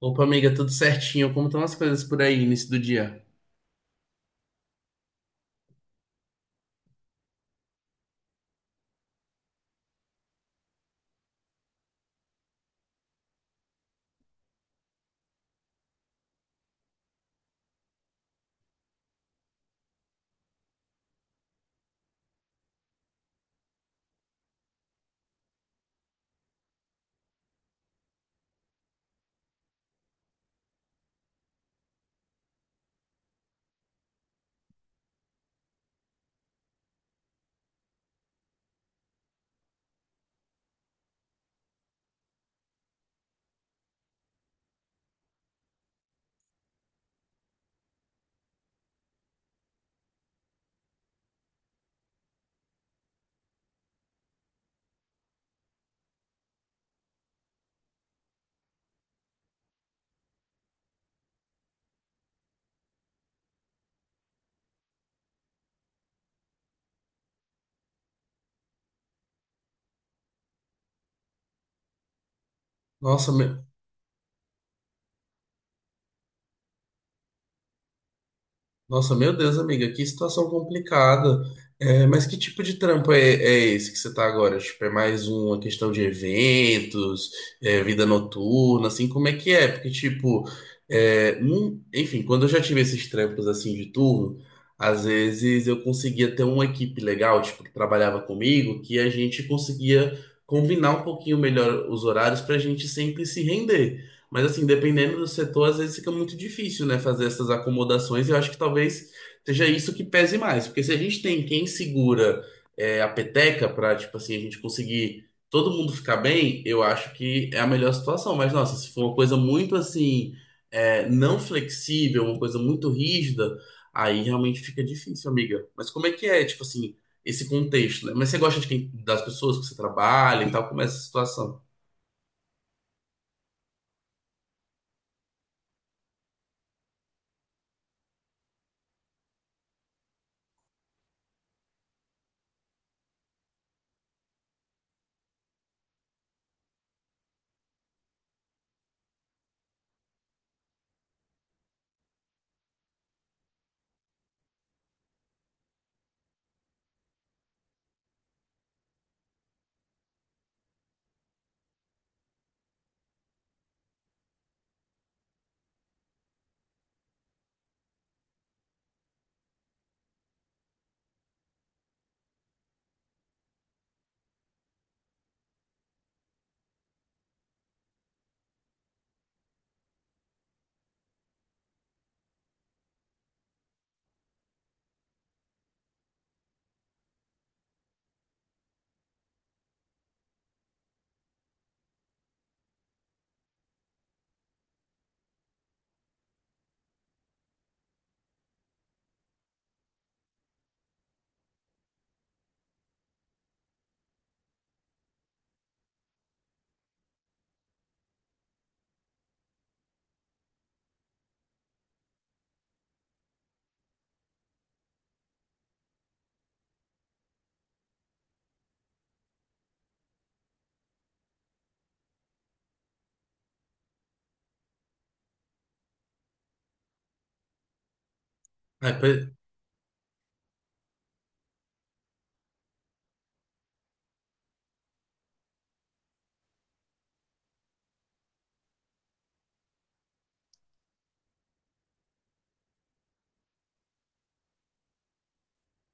Opa, amiga, tudo certinho? Como estão as coisas por aí, início do dia? Nossa, meu, nossa, meu Deus, amiga, que situação complicada. É, mas que tipo de trampo é esse que você tá agora? Tipo, é mais uma questão de eventos, é, vida noturna, assim, como é que é? Porque, tipo, enfim, quando eu já tive esses trampos, assim, de turno, às vezes eu conseguia ter uma equipe legal, tipo, que trabalhava comigo, que a gente conseguia combinar um pouquinho melhor os horários pra gente sempre se render. Mas assim, dependendo do setor, às vezes fica muito difícil, né, fazer essas acomodações. E eu acho que talvez seja isso que pese mais, porque se a gente tem quem segura a peteca para, tipo assim, a gente conseguir todo mundo ficar bem, eu acho que é a melhor situação. Mas nossa, se for uma coisa muito assim, não flexível, uma coisa muito rígida, aí realmente fica difícil, amiga. Mas como é que é, tipo assim, esse contexto, né? Mas você gosta de quem, das pessoas que você trabalha e tal, como é essa situação? Ah.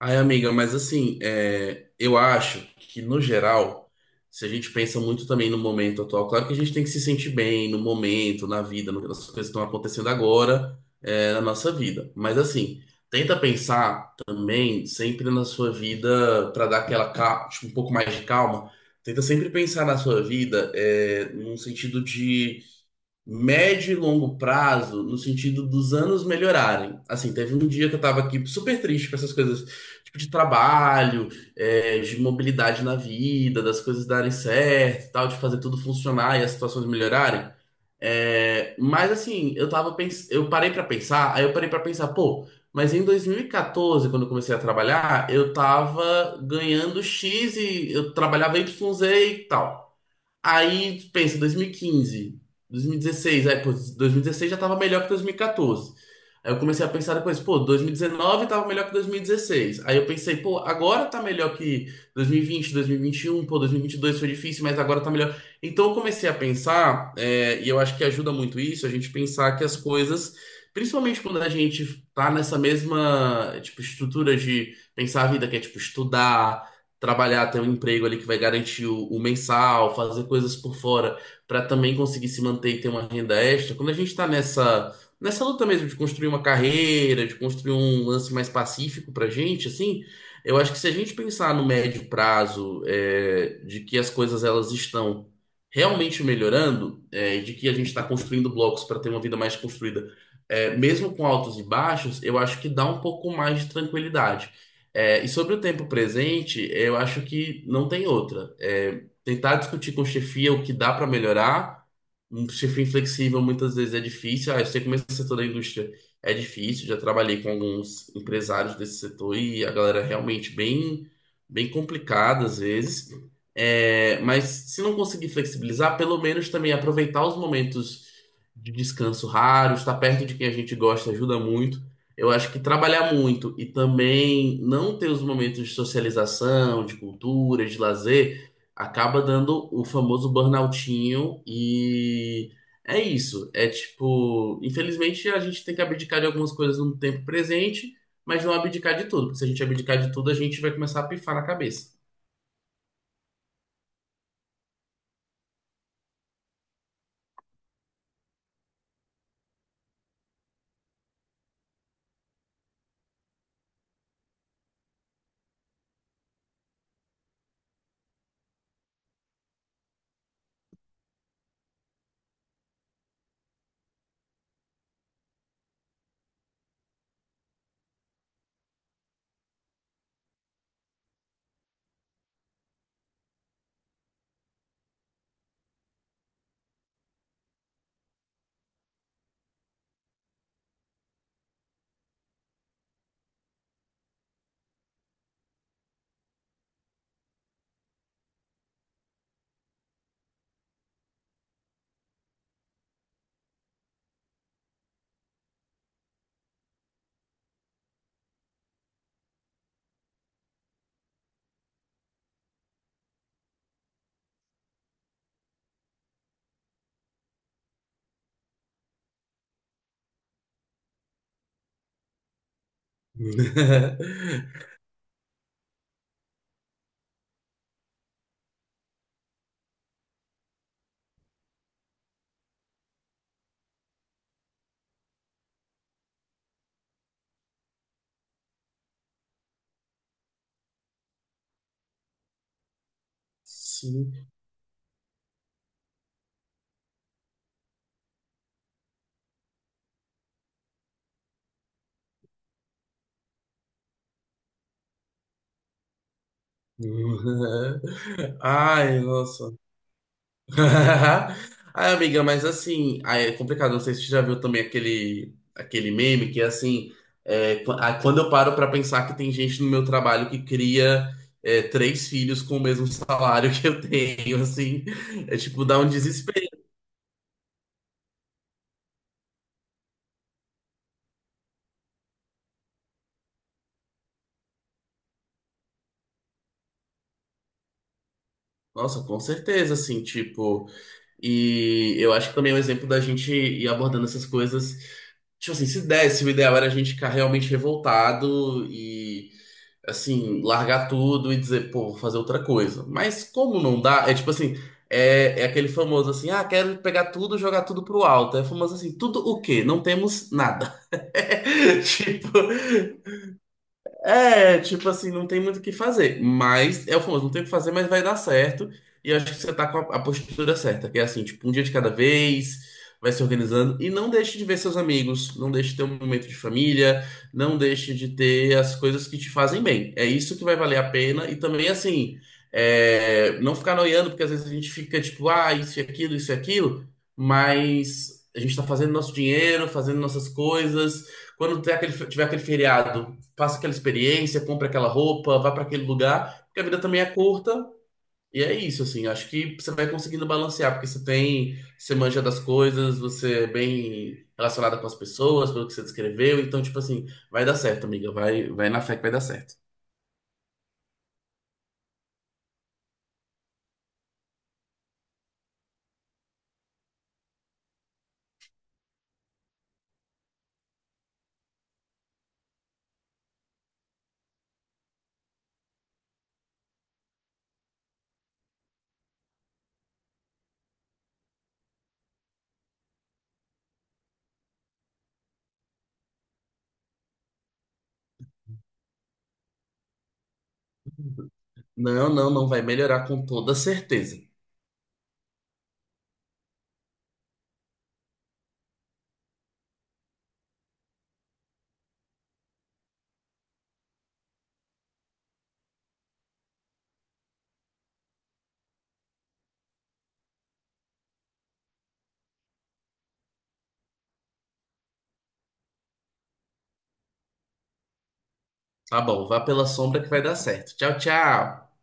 Ai, amiga, mas assim, eu acho que no geral, se a gente pensa muito também no momento atual, claro que a gente tem que se sentir bem no momento, na vida, nas coisas que estão acontecendo agora, na nossa vida. Mas assim, tenta pensar também sempre na sua vida para dar aquela tipo, um pouco mais de calma. Tenta sempre pensar na sua vida, num sentido de médio e longo prazo, no sentido dos anos melhorarem. Assim, teve um dia que eu tava aqui super triste com essas coisas, tipo, de trabalho, de mobilidade na vida, das coisas darem certo, e tal, de fazer tudo funcionar e as situações melhorarem. É, mas assim, eu parei pra pensar, aí eu parei pra pensar, pô, mas em 2014, quando eu comecei a trabalhar, eu tava ganhando X e eu trabalhava YZ e tal. Aí, pensa, 2015, 2016, aí, pô, 2016 já tava melhor que 2014. Aí eu comecei a pensar depois, pô, 2019 tava melhor que 2016. Aí eu pensei, pô, agora tá melhor que 2020, 2021, pô, 2022 foi difícil, mas agora tá melhor. Então eu comecei a pensar, e eu acho que ajuda muito isso, a gente pensar que as coisas, principalmente quando a gente tá nessa mesma, tipo, estrutura de pensar a vida, que é, tipo, estudar, trabalhar, ter um emprego ali que vai garantir o mensal, fazer coisas por fora para também conseguir se manter e ter uma renda extra. Quando a gente está nessa luta mesmo de construir uma carreira, de construir um lance mais pacífico para gente, assim, eu acho que se a gente pensar no médio prazo, de que as coisas elas estão realmente melhorando, e de que a gente está construindo blocos para ter uma vida mais construída. Mesmo com altos e baixos, eu acho que dá um pouco mais de tranquilidade. É, e sobre o tempo presente, eu acho que não tem outra. É, tentar discutir com chefia o que dá para melhorar. Um chefia inflexível muitas vezes é difícil. Ah, eu sei como esse setor da indústria é difícil. Já trabalhei com alguns empresários desse setor e a galera é realmente bem, bem complicada às vezes. É, mas se não conseguir flexibilizar, pelo menos também aproveitar os momentos de descanso raros, estar perto de quem a gente gosta ajuda muito. Eu acho que trabalhar muito e também não ter os momentos de socialização, de cultura, de lazer, acaba dando o famoso burnoutinho e é isso. É tipo, infelizmente a gente tem que abdicar de algumas coisas no tempo presente, mas não abdicar de tudo, porque se a gente abdicar de tudo, a gente vai começar a pifar na cabeça. Sim. Ai, nossa. Ai, amiga, mas assim, aí é complicado. Não sei se você já viu também aquele meme que é assim: quando eu paro pra pensar que tem gente no meu trabalho que cria três filhos com o mesmo salário que eu tenho, assim, é tipo, dá um desespero. Nossa, com certeza, assim, tipo. E eu acho que também é um exemplo da gente ir abordando essas coisas. Tipo assim, se desse, o ideal era a gente ficar realmente revoltado assim, largar tudo e dizer, pô, vou fazer outra coisa. Mas como não dá, é tipo assim, é aquele famoso assim, ah, quero pegar tudo, jogar tudo pro alto. É famoso assim, tudo o quê? Não temos nada. Tipo, é, tipo assim, não tem muito o que fazer. Mas é o famoso, não tem o que fazer, mas vai dar certo. E eu acho que você tá com a postura certa, que é assim, tipo, um dia de cada vez, vai se organizando. E não deixe de ver seus amigos, não deixe de ter um momento de família, não deixe de ter as coisas que te fazem bem. É isso que vai valer a pena. E também, assim, é, não ficar noiando, porque às vezes a gente fica tipo, ah, isso e aquilo, mas a gente tá fazendo nosso dinheiro, fazendo nossas coisas. Quando tiver aquele feriado passa aquela experiência, compra aquela roupa, vai para aquele lugar, porque a vida também é curta. E é isso, assim, acho que você vai conseguindo balancear, porque você manja das coisas, você é bem relacionada com as pessoas, pelo que você descreveu, então, tipo assim, vai dar certo, amiga, vai, vai na fé que vai dar certo. Não, não, não vai melhorar com toda certeza. Tá bom, vá pela sombra que vai dar certo. Tchau, tchau.